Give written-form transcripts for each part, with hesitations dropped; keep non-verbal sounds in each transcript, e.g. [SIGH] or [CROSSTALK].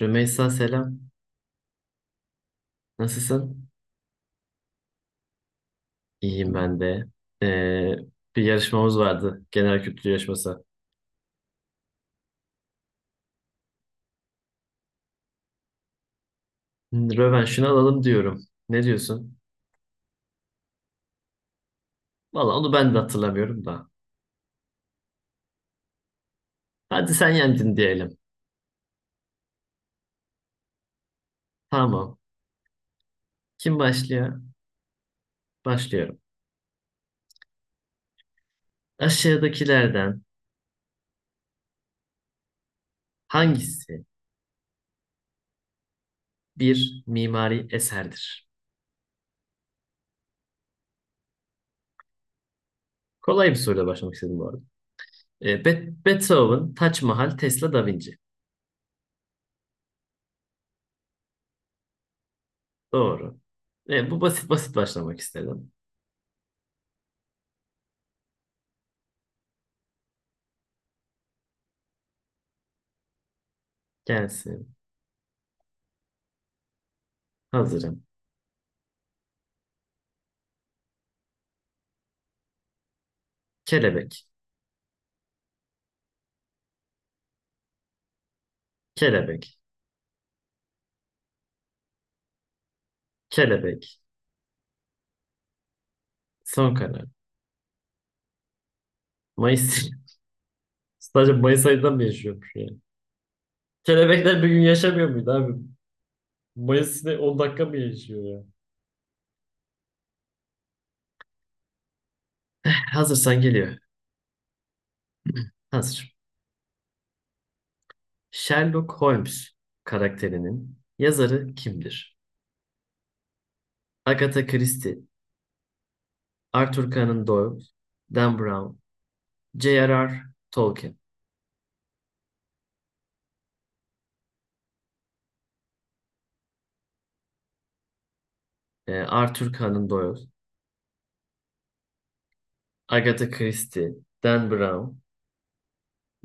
Rümeysa selam. Nasılsın? İyiyim ben de. Ee, bir yarışmamız vardı. Genel kültür yarışması. Rövanşını alalım diyorum. Ne diyorsun? Valla onu ben de hatırlamıyorum da. Hadi sen yendin diyelim. Tamam. Kim başlıyor? Başlıyorum. Aşağıdakilerden hangisi bir mimari eserdir? Kolay bir soruyla başlamak istedim bu arada. Beethoven, Taç Mahal, Tesla, Da Vinci. Doğru. Bu basit basit başlamak istedim. Gelsin. Hazırım. Kelebek, kelebek, kelebek. Son karar. Mayıs. [LAUGHS] Sadece Mayıs ayından mı yaşıyormuş yani? Kelebekler bir gün yaşamıyor muydu abi? Mayıs'ta 10 dakika mı yaşıyor ya? Hazırsan geliyor. Hazır. Sherlock Holmes karakterinin yazarı kimdir? Agatha Christie, Arthur Conan Doyle, Dan Brown, J.R.R. Tolkien. Arthur Conan Doyle, Agatha Christie, Dan Brown,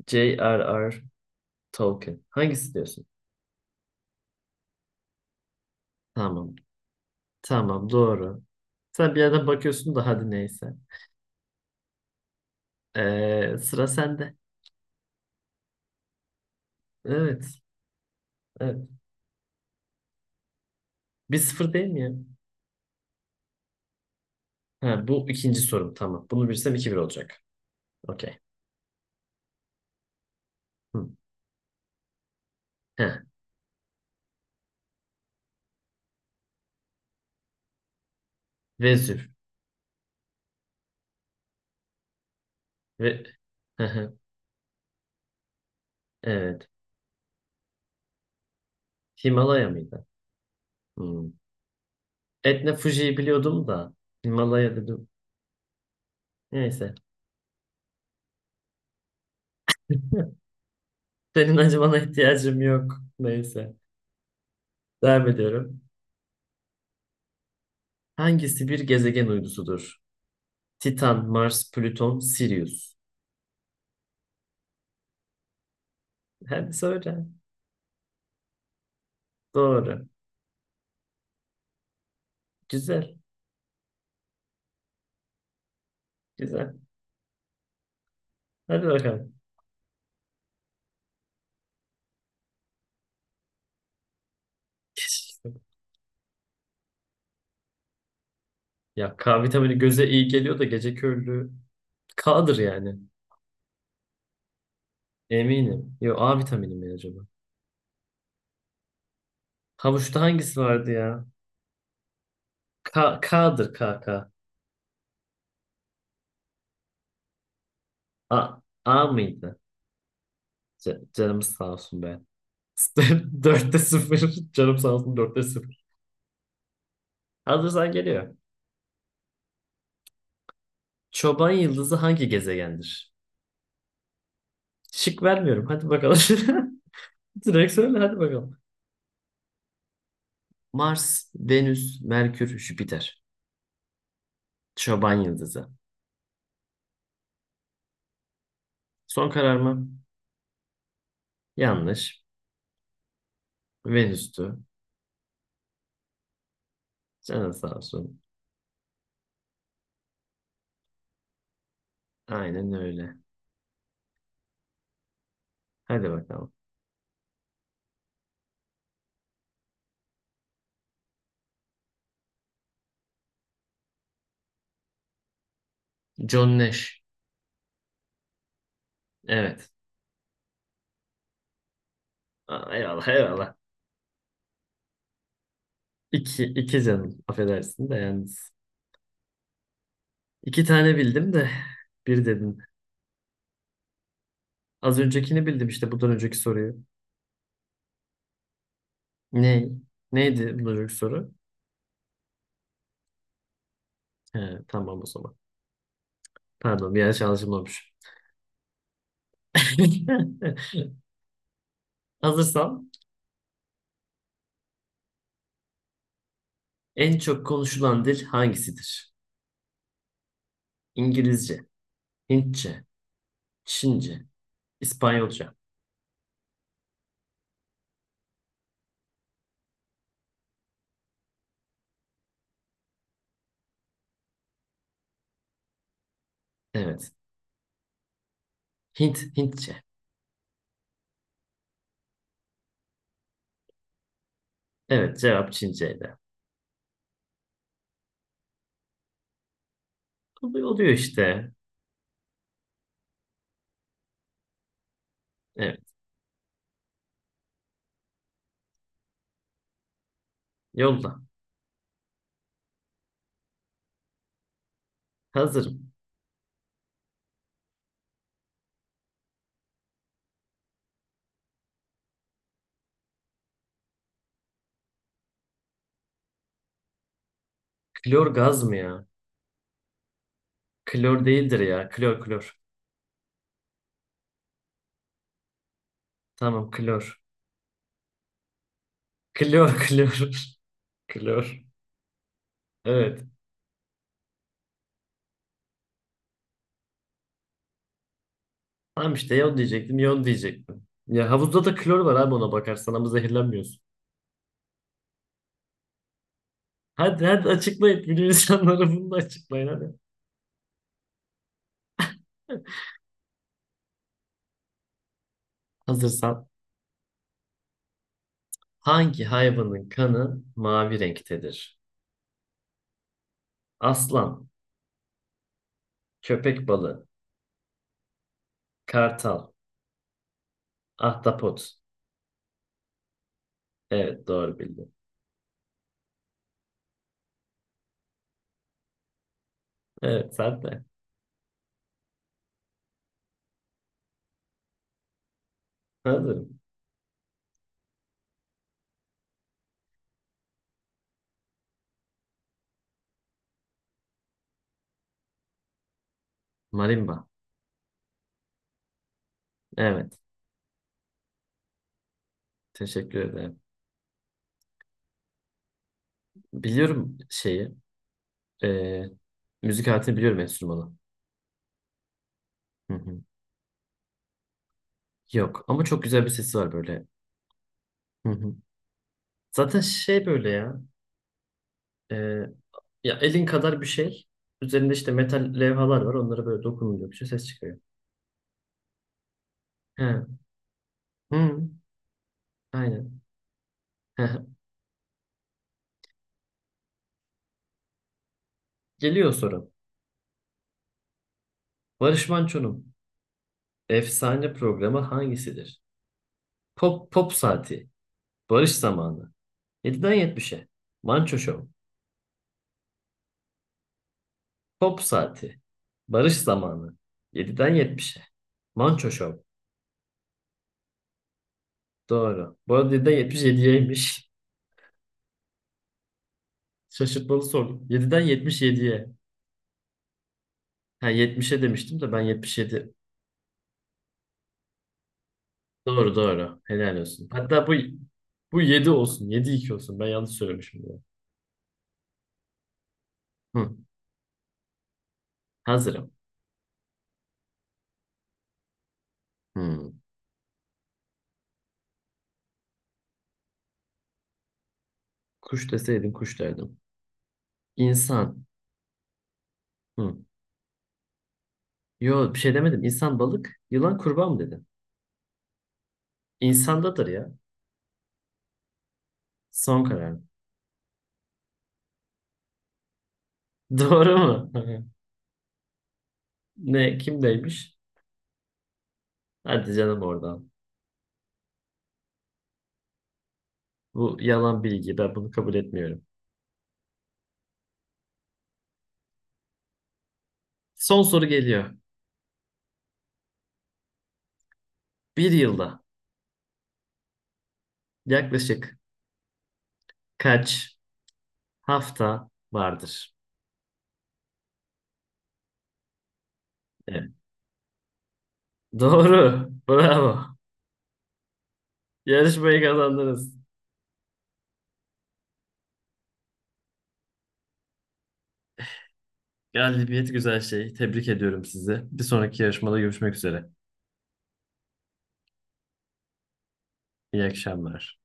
J.R.R. Tolkien. Hangisi diyorsun? Tamam. Tamam doğru. Sen bir yerden bakıyorsun da hadi neyse. Sıra sende. Evet. Evet. 1-0 değil mi ya? Ha, bu ikinci sorum tamam. Bunu bilsem 2-1 olacak. Okey. Hı. Ha, Vezüv. Ve... Hı hı. Evet. Himalaya mıydı? Hı. Etna Fuji'yi biliyordum da. Himalaya dedim. Neyse. Senin acımana ihtiyacım yok. Neyse. Devam ediyorum. Hangisi bir gezegen uydusudur? Titan, Mars, Plüton, Sirius. Hadi söyle. Doğru. Güzel. Güzel. Hadi bakalım. Ya K vitamini göze iyi geliyor da gece körlüğü K'dır yani. Eminim. Yo A vitamini mi acaba? Havuçta hangisi vardı ya? K, K'dır K, K. A, A mıydı? Canımız sağ olsun be. [LAUGHS] Dörtte sıfır. Canım sağ olsun dörtte sıfır. Hazırsan geliyor. Çoban yıldızı hangi gezegendir? Şık vermiyorum. Hadi bakalım. [LAUGHS] Direkt söyle hadi bakalım. Mars, Venüs, Merkür, Jüpiter. Çoban Yıldızı. Son karar mı? Yanlış. Venüs'tü. Canın sağ olsun. Aynen öyle. Hadi bakalım. John Nash. Evet. Aa, eyvallah eyvallah. İki, iki canım. Affedersin de yalnız. İki tane bildim de bir dedin. Az öncekini bildim işte bundan önceki soruyu. Ne? Neydi bundan önceki soru? He, tamam o zaman. Pardon bir yanlış anlaşılmamış. [LAUGHS] Hazırsam en çok konuşulan dil hangisidir? İngilizce, Hintçe, Çince, İspanyolca. Evet. Hintçe. Evet, cevap Çinceydi. Oluyor, oluyor işte. Evet, yolla. Hazırım. Klor gaz mı ya? Klor değildir ya. Klor, klor. Tamam, klor. Klor, [LAUGHS] klor. Klor. Evet. Tamam işte Yol diyecektim, Yol diyecektim. Ya havuzda da klor var abi ona bakarsan ama zehirlenmiyorsun. Hadi hadi açıklayın. Bilim insanları bunu da açıklayın hadi. Hazırsan. Hangi hayvanın kanı mavi renktedir? Aslan, köpek balığı, Kartal. Ahtapot. Evet doğru bildin. Evet sen de. Hazırım. Marimba. Evet. Teşekkür ederim. Biliyorum şeyi. e, müzik aletini biliyorum enstrümanı. Hı hı. Yok ama çok güzel bir sesi var böyle. Hı hı. Zaten şey böyle ya. e, ya elin kadar bir şey. Üzerinde işte metal levhalar var. Onlara böyle dokununca bir şey ses çıkıyor. He. Hı. Aynen. He. Geliyor soru. Barış Manço'nun efsane programı hangisidir? Pop saati. Barış zamanı. 7'den 70'e. Manço Show. Pop saati. Barış zamanı. Yediden yetmişe. Manço Show. Doğru. Bu arada 7'den 77'yeymiş. Şaşırtmalı soru. 7'den 77'ye. Ha 70'e demiştim de ben 77. Doğru doğru. Helal olsun. Hatta bu 7 olsun. 7-2 olsun. Ben yanlış söylemişim bunu. Hı. Hazırım. Hı. Kuş deseydin kuş derdim. İnsan. Hı. Yo bir şey demedim. İnsan balık. Yılan kurbağa mı dedim? İnsandadır ya. Son karar. [LAUGHS] Doğru mu? [LAUGHS] Ne? Kimdeymiş? Hadi canım oradan. Bu yalan bilgi. Ben bunu kabul etmiyorum. Son soru geliyor. Bir yılda yaklaşık kaç hafta vardır? Evet. Doğru. Bravo. Yarışmayı kazandınız. Galibiyet güzel şey. Tebrik ediyorum sizi. Bir sonraki yarışmada görüşmek üzere. İyi akşamlar.